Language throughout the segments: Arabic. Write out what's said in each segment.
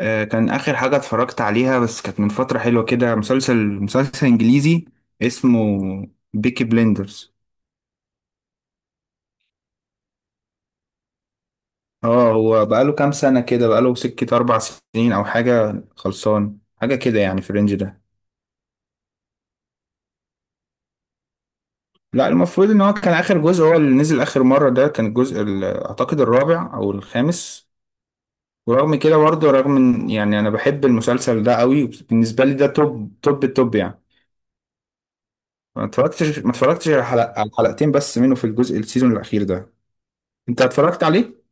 كان آخر حاجة اتفرجت عليها، بس كانت من فترة حلوة كده. مسلسل إنجليزي اسمه بيكي بليندرز. اه هو بقاله كام سنة كده، بقاله سكة 4 سنين أو حاجة، خلصان حاجة كده يعني، في الرينج ده. لا، المفروض إن هو كان آخر جزء هو اللي نزل آخر مرة، ده كان الجزء أعتقد الرابع أو الخامس. ورغم كده برضه، رغم إن يعني أنا بحب المسلسل ده قوي، بالنسبة لي ده توب توب التوب يعني. ما اتفرجتش على حلقتين بس منه في الجزء السيزون الأخير ده. انت اتفرجت عليه؟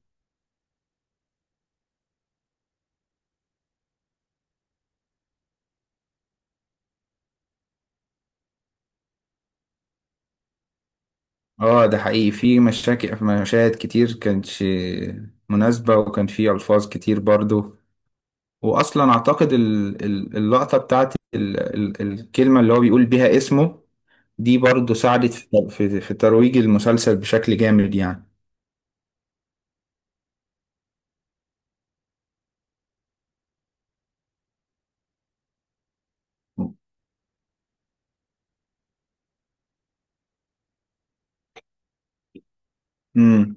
اه ده حقيقي، في مشاكل، في مشاهد كتير كانتش مناسبة، وكان في ألفاظ كتير برضو. وأصلا أعتقد اللقطة بتاعت الكلمة اللي هو بيقول بيها اسمه دي، برضو ساعدت في ترويج المسلسل بشكل جامد يعني. امم.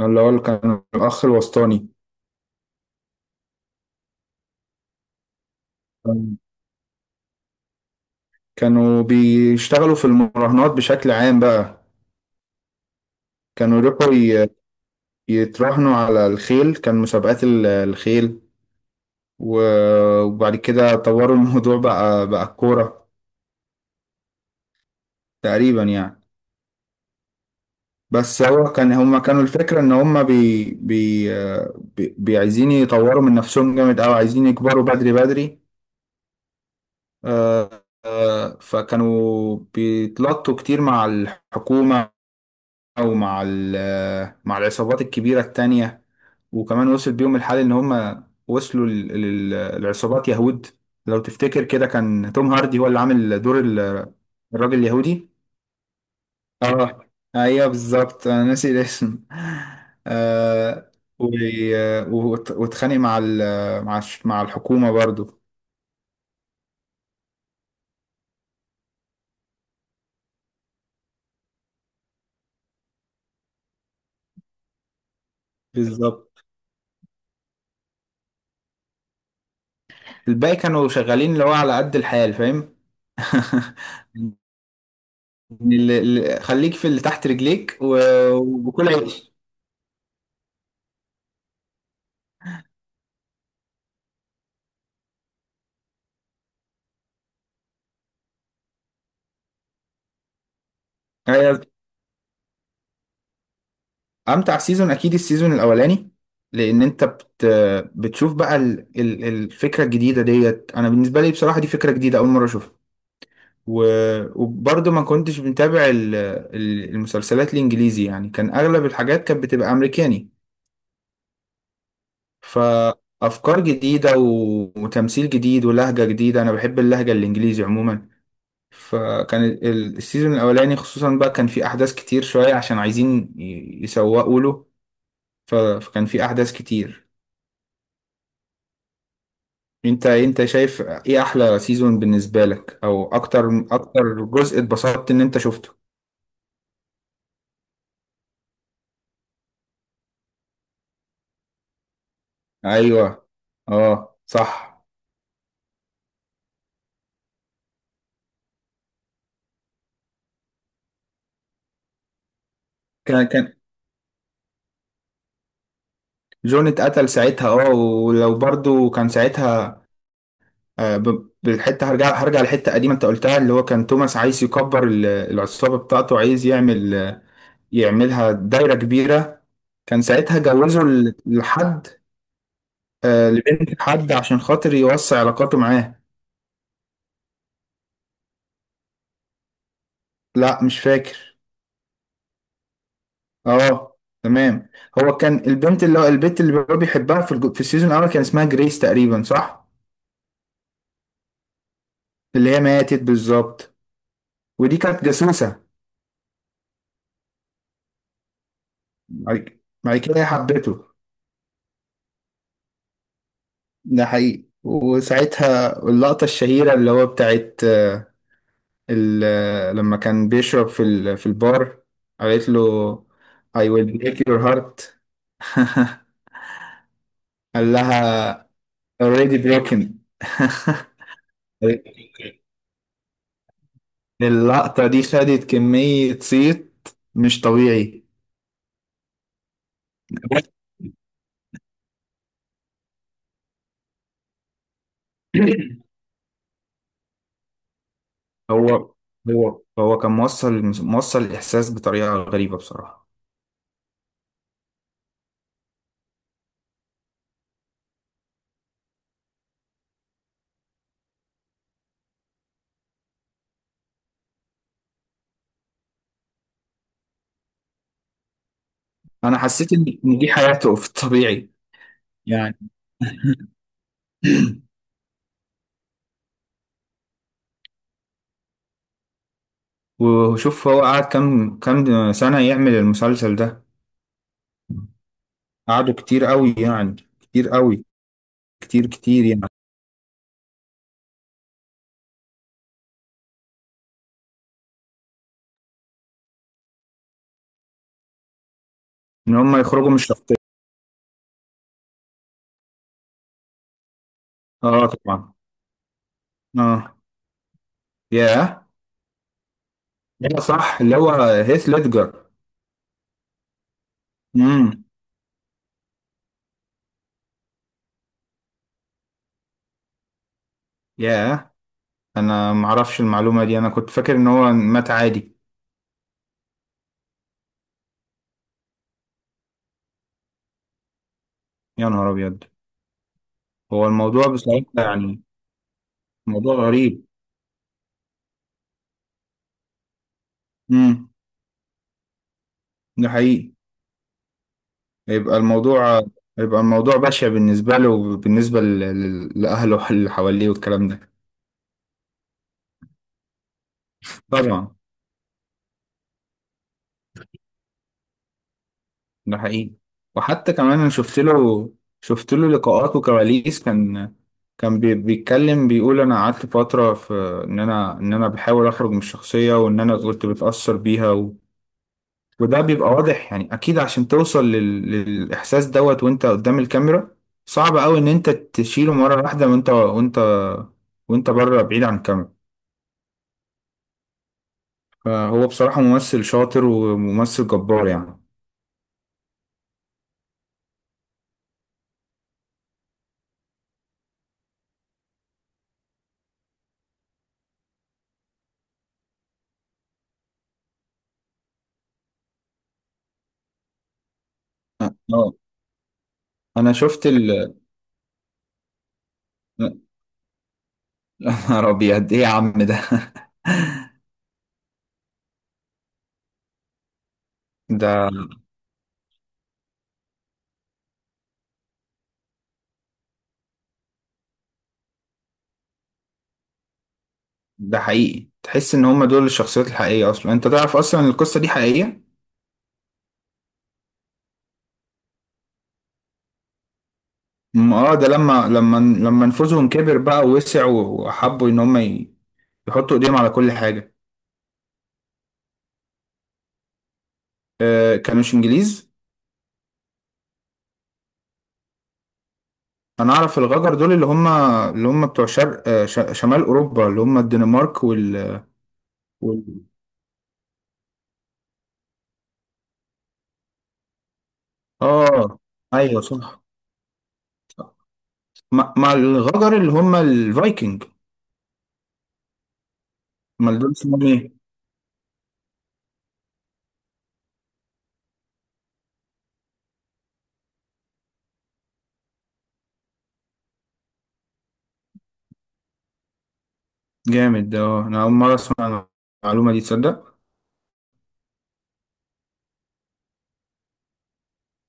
اللي هو اللي كان الأخ الوسطاني. كانوا بيشتغلوا في المراهنات بشكل عام بقى، كانوا يروحوا يتراهنوا على الخيل، كان مسابقات الخيل. وبعد كده طوروا الموضوع بقى الكورة تقريبا يعني. بس هو كان هما كانوا، الفكرة ان هما بي بي آه، بي بي- عايزين يطوروا من نفسهم جامد اوي، عايزين يكبروا بدري بدري. آه، فكانوا بيتلطوا كتير مع الحكومة، او مع ال- آه، مع العصابات الكبيرة التانية. وكمان وصل بيهم الحال ان هما وصلوا للعصابات يهود. لو تفتكر كده، كان توم هاردي هو اللي عامل دور الراجل اليهودي. اه، ايوه بالظبط، انا ناسي الاسم. آه و... واتخانق مع ال... مع الش- مع الحكومة برضو. بالظبط، الباقي كانوا شغالين اللي هو على قد الحال، فاهم. خليك في اللي تحت رجليك وكل عيش. أيوة. امتع سيزون اكيد السيزون الاولاني، لان انت بتشوف بقى الفكرة الجديدة ديت. انا بالنسبة لي بصراحة دي فكرة جديدة، اول مرة اشوفها. وبرضه ما كنتش متابع المسلسلات الانجليزي يعني، كان اغلب الحاجات كانت بتبقى امريكاني. فافكار جديده وتمثيل جديد ولهجه جديده، انا بحب اللهجه الانجليزي عموما. فكان السيزون الاولاني خصوصا بقى، كان في احداث كتير شويه عشان عايزين يسوقوا له، فكان في احداث كتير. انت شايف ايه احلى سيزون بالنسبه لك، او اكتر جزء اتبسطت ان انت شفته؟ ايوه، اه صح. كان جون اتقتل ساعتها، اه. ولو برضو كان ساعتها، بالحته، هرجع لحته قديمه انت قلتها، اللي هو كان توماس عايز يكبر العصابه بتاعته، عايز يعمل، يعملها دايره كبيره. كان ساعتها جوزه لحد، لبنت حد عشان خاطر يوسع علاقاته معاه. لا، مش فاكر. اه، تمام. هو كان البنت اللي هو بيحبها في السيزون الاول كان اسمها جريس تقريبا، صح؟ اللي هي ماتت، بالظبط. ودي كانت جاسوسه. بعد كده هي حبته. ده حقيقي. وساعتها اللقطة الشهيرة اللي هو بتاعت لما كان بيشرب في البار، قالت له: I will break your heart. قال لها: already broken. اللقطة دي خدت كمية صيت مش طبيعي. هو هو كان موصل الإحساس بطريقة غريبة بصراحة. أنا حسيت إن دي حياته في الطبيعي يعني. وشوف هو قعد كام سنة يعمل المسلسل ده. قعدوا كتير قوي يعني، كتير قوي، كتير كتير يعني. ان هم يخرجوا من الشخصية. اه، طبعا. اه، ياه. ده صح، اللي هو هيث ليدجر. امم. ياه، انا معرفش المعلومة دي، انا كنت فاكر ان هو مات عادي. يا نهار ابيض. هو الموضوع بصراحة يعني موضوع غريب. امم. ده حقيقي. يبقى الموضوع يبقى الموضوع بشع بالنسبة له وبالنسبة لأهله اللي حواليه والكلام ده. طبعا، ده حقيقي. وحتى كمان انا شفت له لقاءات وكواليس. كان بيتكلم، بيقول انا قعدت فترة في ان انا بحاول اخرج من الشخصية، وان انا كنت بتأثر بيها. وده بيبقى واضح يعني، اكيد عشان توصل للاحساس دوت وانت قدام الكاميرا. صعب قوي ان انت تشيله مرة واحدة وانت وانت بره بعيد عن الكاميرا. فهو بصراحة ممثل شاطر وممثل جبار يعني. اه، انا شفت يا نهار ابيض، ايه يا عم ده. ده ده حقيقي، تحس ان هم دول الشخصيات الحقيقيه، اصلا انت تعرف اصلا إن القصه دي حقيقيه. اه، ده لما لما نفوذهم كبر بقى ووسع، وحبوا ان هم يحطوا ايديهم على كل حاجه. آه، كانوش انجليز. انا اعرف الغجر دول، اللي هم بتوع شرق، شمال اوروبا، اللي هم الدنمارك وال... اه، ايوه، صح، صح. مع الغجر اللي هم الفايكنج. امال دول اسمهم ايه؟ جامد ده، اه، انا اول مره اسمع المعلومه دي، تصدق؟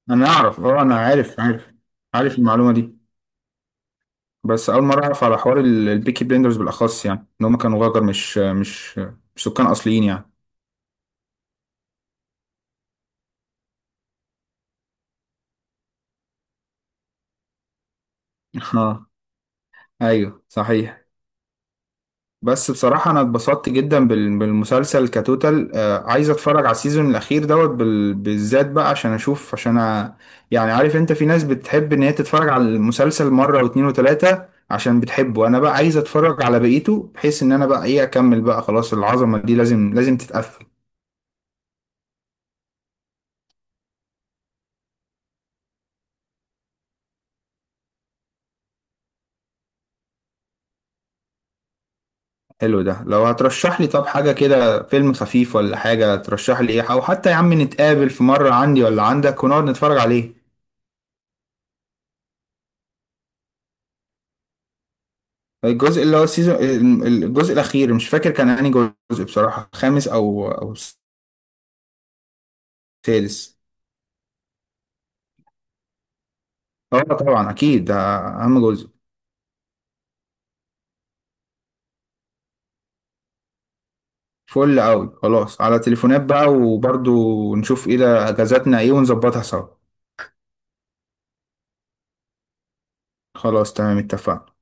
انا اعرف اه انا عارف المعلومه دي. بس اول مره اعرف على حوار البيكي بليندرز بالاخص، يعني ان هم كانوا غجر مش سكان اصليين يعني. اه، ايوه صحيح. بس بصراحة أنا اتبسطت جدا بالمسلسل كتوتال. عايز أتفرج على السيزون الأخير دوت بالذات بقى، عشان أشوف، يعني عارف أنت في ناس بتحب إن هي تتفرج على المسلسل مرة واتنين وتلاتة عشان بتحبه. أنا بقى عايز أتفرج على بقيته، بحيث إن أنا بقى إيه أكمل بقى خلاص، العظمة دي لازم لازم تتقفل. حلو ده. لو هترشح لي طب حاجة كده، فيلم خفيف ولا حاجة، ترشح لي إيه؟ أو حتى يا عم نتقابل في مرة عندي ولا عندك ونقعد نتفرج عليه. الجزء اللي هو السيزون، الجزء الأخير مش فاكر كان أنهي جزء بصراحة، خامس أو سادس. اه، طبعا، أكيد ده أهم جزء. فل أوي خلاص، على تليفونات بقى، وبرضو نشوف ايه ده أجازاتنا ايه ونظبطها سوا. خلاص، تمام، اتفقنا.